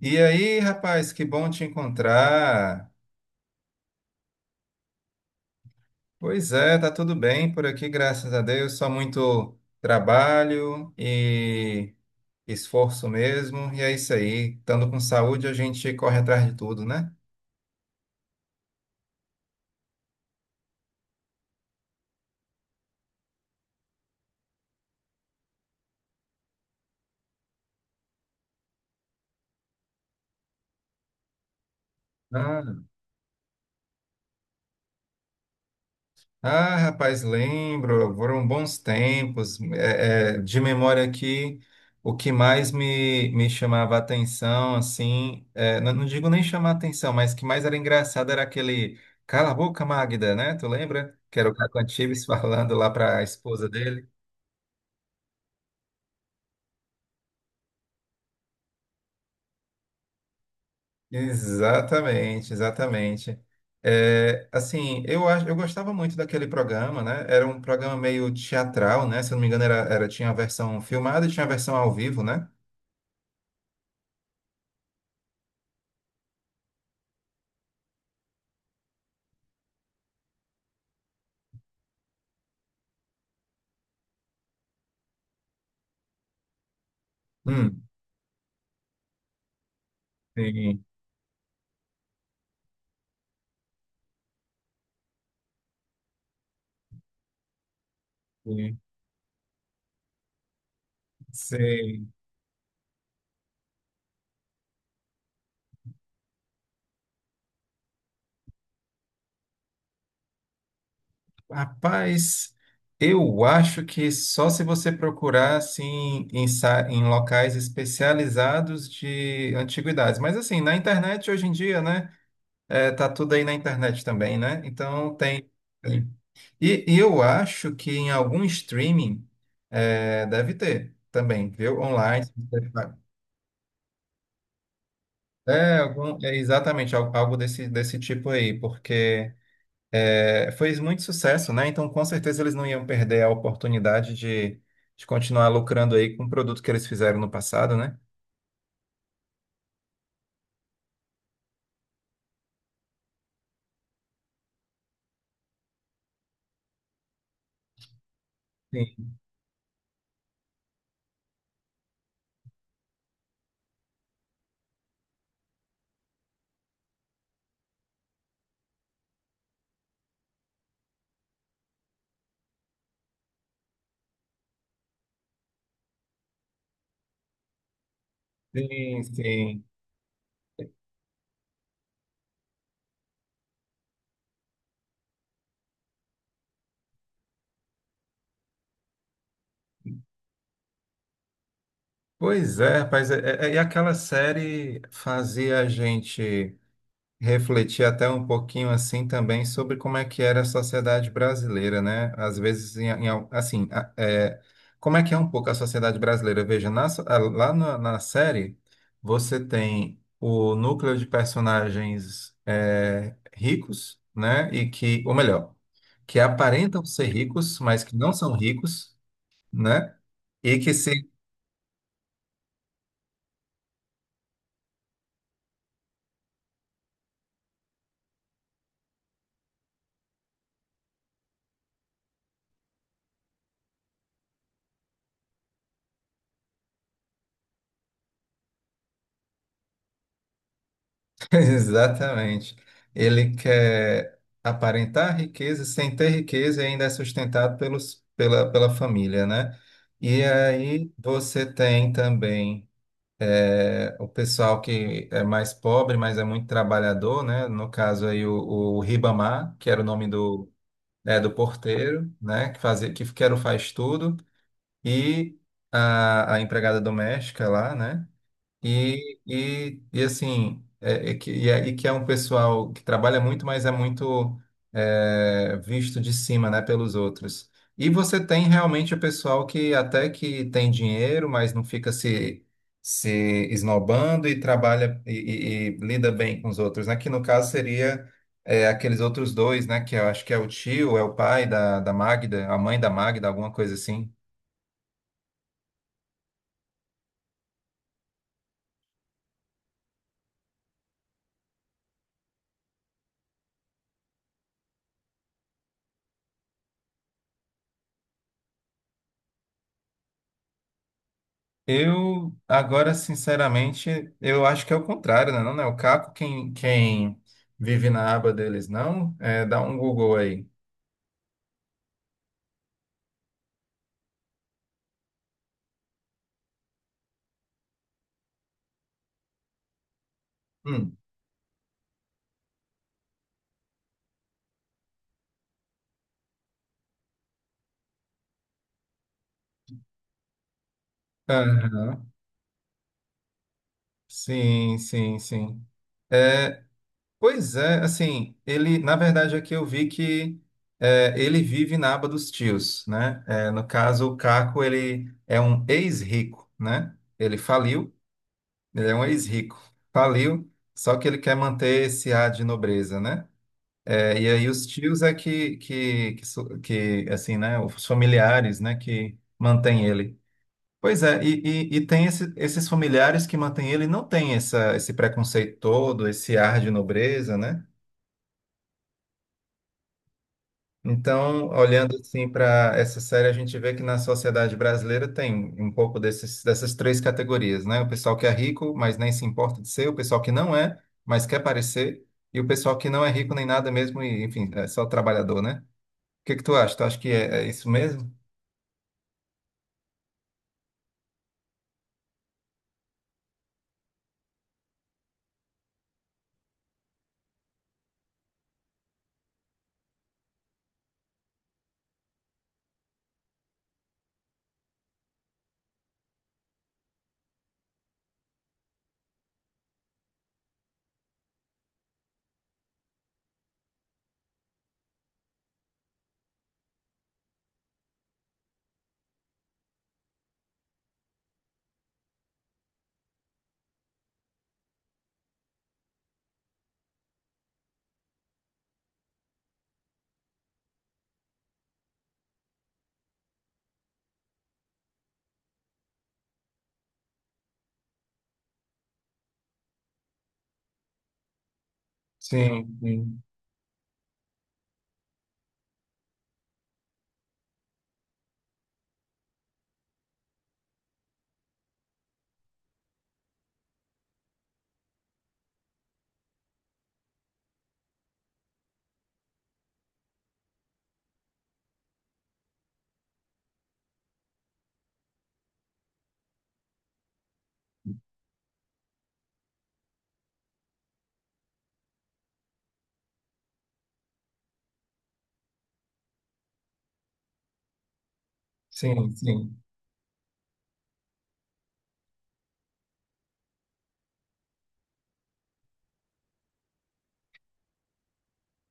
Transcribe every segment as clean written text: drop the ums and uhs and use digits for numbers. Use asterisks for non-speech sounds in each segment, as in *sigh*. E aí, rapaz, que bom te encontrar. Pois é, tá tudo bem por aqui, graças a Deus. Só muito trabalho e esforço mesmo. E é isso aí. Estando com saúde, a gente corre atrás de tudo, né? Ah. Ah, rapaz, lembro, foram bons tempos. De memória aqui, o que mais me chamava atenção, assim, não digo nem chamar atenção, mas que mais era engraçado era aquele Cala a boca, Magda, né? Tu lembra? Que era o Caco Antibes *laughs* falando lá para a esposa dele. Exatamente, exatamente. É, assim, eu gostava muito daquele programa, né? Era um programa meio teatral, né? Se eu não me engano, tinha a versão filmada e tinha a versão ao vivo, né? Sim, sim, sei. Rapaz, eu acho que só se você procurar assim em locais especializados de antiguidades. Mas assim, na internet hoje em dia, né? É, tá tudo aí na internet também, né? Então tem. Tem. Eu acho que em algum streaming é, deve ter também, viu? Online. Se você fa- É, algum, é algo desse, desse tipo aí, porque. É, foi muito sucesso, né? Então, com certeza, eles não iam perder a oportunidade de continuar lucrando aí com o produto que eles fizeram no passado, né? Sim, sim, sim. Pois é, rapaz. E aquela série fazia a gente refletir até um pouquinho assim também sobre como é que era a sociedade brasileira, né? Às vezes, assim, como é que é um pouco a sociedade brasileira? Veja, lá na série, você tem o núcleo de personagens é, ricos, né? E que, ou melhor, que aparentam ser ricos, mas que não são ricos, né? E que se *laughs* Exatamente. Ele quer aparentar riqueza sem ter riqueza e ainda é sustentado pela família, né? E aí você tem também é, o pessoal que é mais pobre, mas é muito trabalhador, né? No caso aí o Ribamar, que era o nome do, é, do porteiro, né? Que fazia, que era o faz tudo, e a empregada doméstica lá, né? Assim, que é um pessoal que trabalha muito, mas é muito é, visto de cima, né, pelos outros. E você tem realmente o pessoal que até que tem dinheiro, mas não fica se, se esnobando e trabalha e lida bem com os outros, né? Que no caso seria é, aqueles outros dois, né? Que eu acho que é o tio, é o pai da Magda, a mãe da Magda, alguma coisa assim. Eu, agora, sinceramente, eu acho que é o contrário, né? Não, né? O Caco, quem vive na aba deles, não? É, dá um Google aí. Hum. Aham. Sim, sim, sim. É, pois é, assim, ele, na verdade, aqui eu vi que é, ele vive na aba dos tios, né? É, no caso, o Caco, ele é um ex-rico, né? Ele faliu, ele é um ex-rico, faliu, só que ele quer manter esse ar de nobreza, né? É, e aí os tios é que, assim, né, os familiares, né, que mantêm ele. Pois é, e tem esses familiares que mantêm ele, não tem essa, esse preconceito todo, esse ar de nobreza, né? Então, olhando assim para essa série, a gente vê que na sociedade brasileira tem um pouco desses, dessas três categorias, né? O pessoal que é rico, mas nem se importa de ser, o pessoal que não é, mas quer parecer, e o pessoal que não é rico nem nada mesmo, e, enfim, é só trabalhador, né? O que é que tu acha? Tu acha que é isso mesmo? Sim, sim, sim, sim.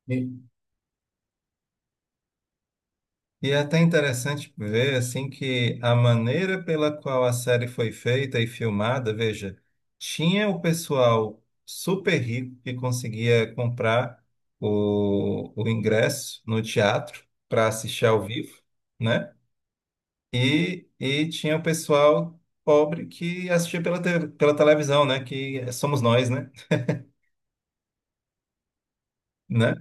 E, é até interessante ver assim que a maneira pela qual a série foi feita e filmada, veja, tinha o pessoal super rico que conseguia comprar o ingresso no teatro para assistir ao vivo, né? Tinha o pessoal pobre que assistia pela televisão, né? Que somos nós, né? Né?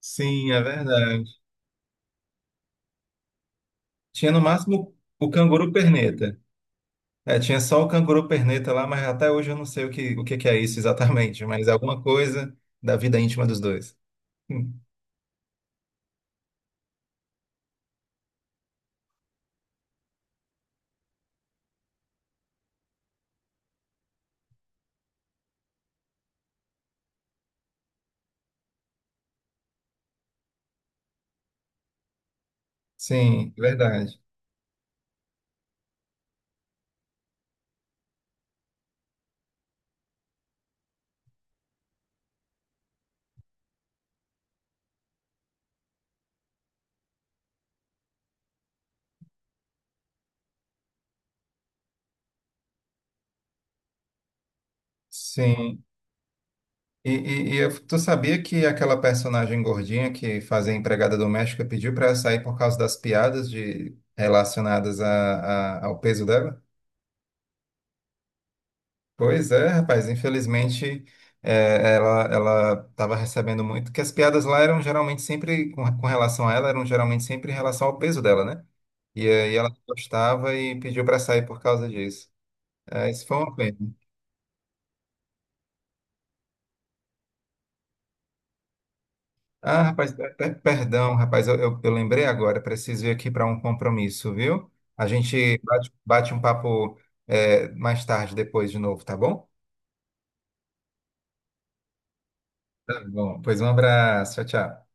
Sim, é verdade. Tinha no máximo o canguru perneta. É, tinha só o canguru perneta lá, mas até hoje eu não sei o que que é isso exatamente, *laughs* mas é alguma coisa da vida íntima dos dois. Hum. Sim, verdade. Sim. Tu sabia que aquela personagem gordinha que fazia empregada doméstica pediu para sair por causa das piadas de, relacionadas a, ao peso dela? Pois é, rapaz, infelizmente é, ela estava recebendo muito, que as piadas lá eram geralmente sempre, com relação a ela, eram geralmente sempre em relação ao peso dela, né? E aí ela não gostava e pediu para sair por causa disso. É, isso foi uma pena. Ah, rapaz, perdão, rapaz, eu lembrei agora, preciso ir aqui para um compromisso, viu? A gente bate um papo é, mais tarde, depois de novo, tá bom? Tá bom, pois um abraço, tchau, tchau.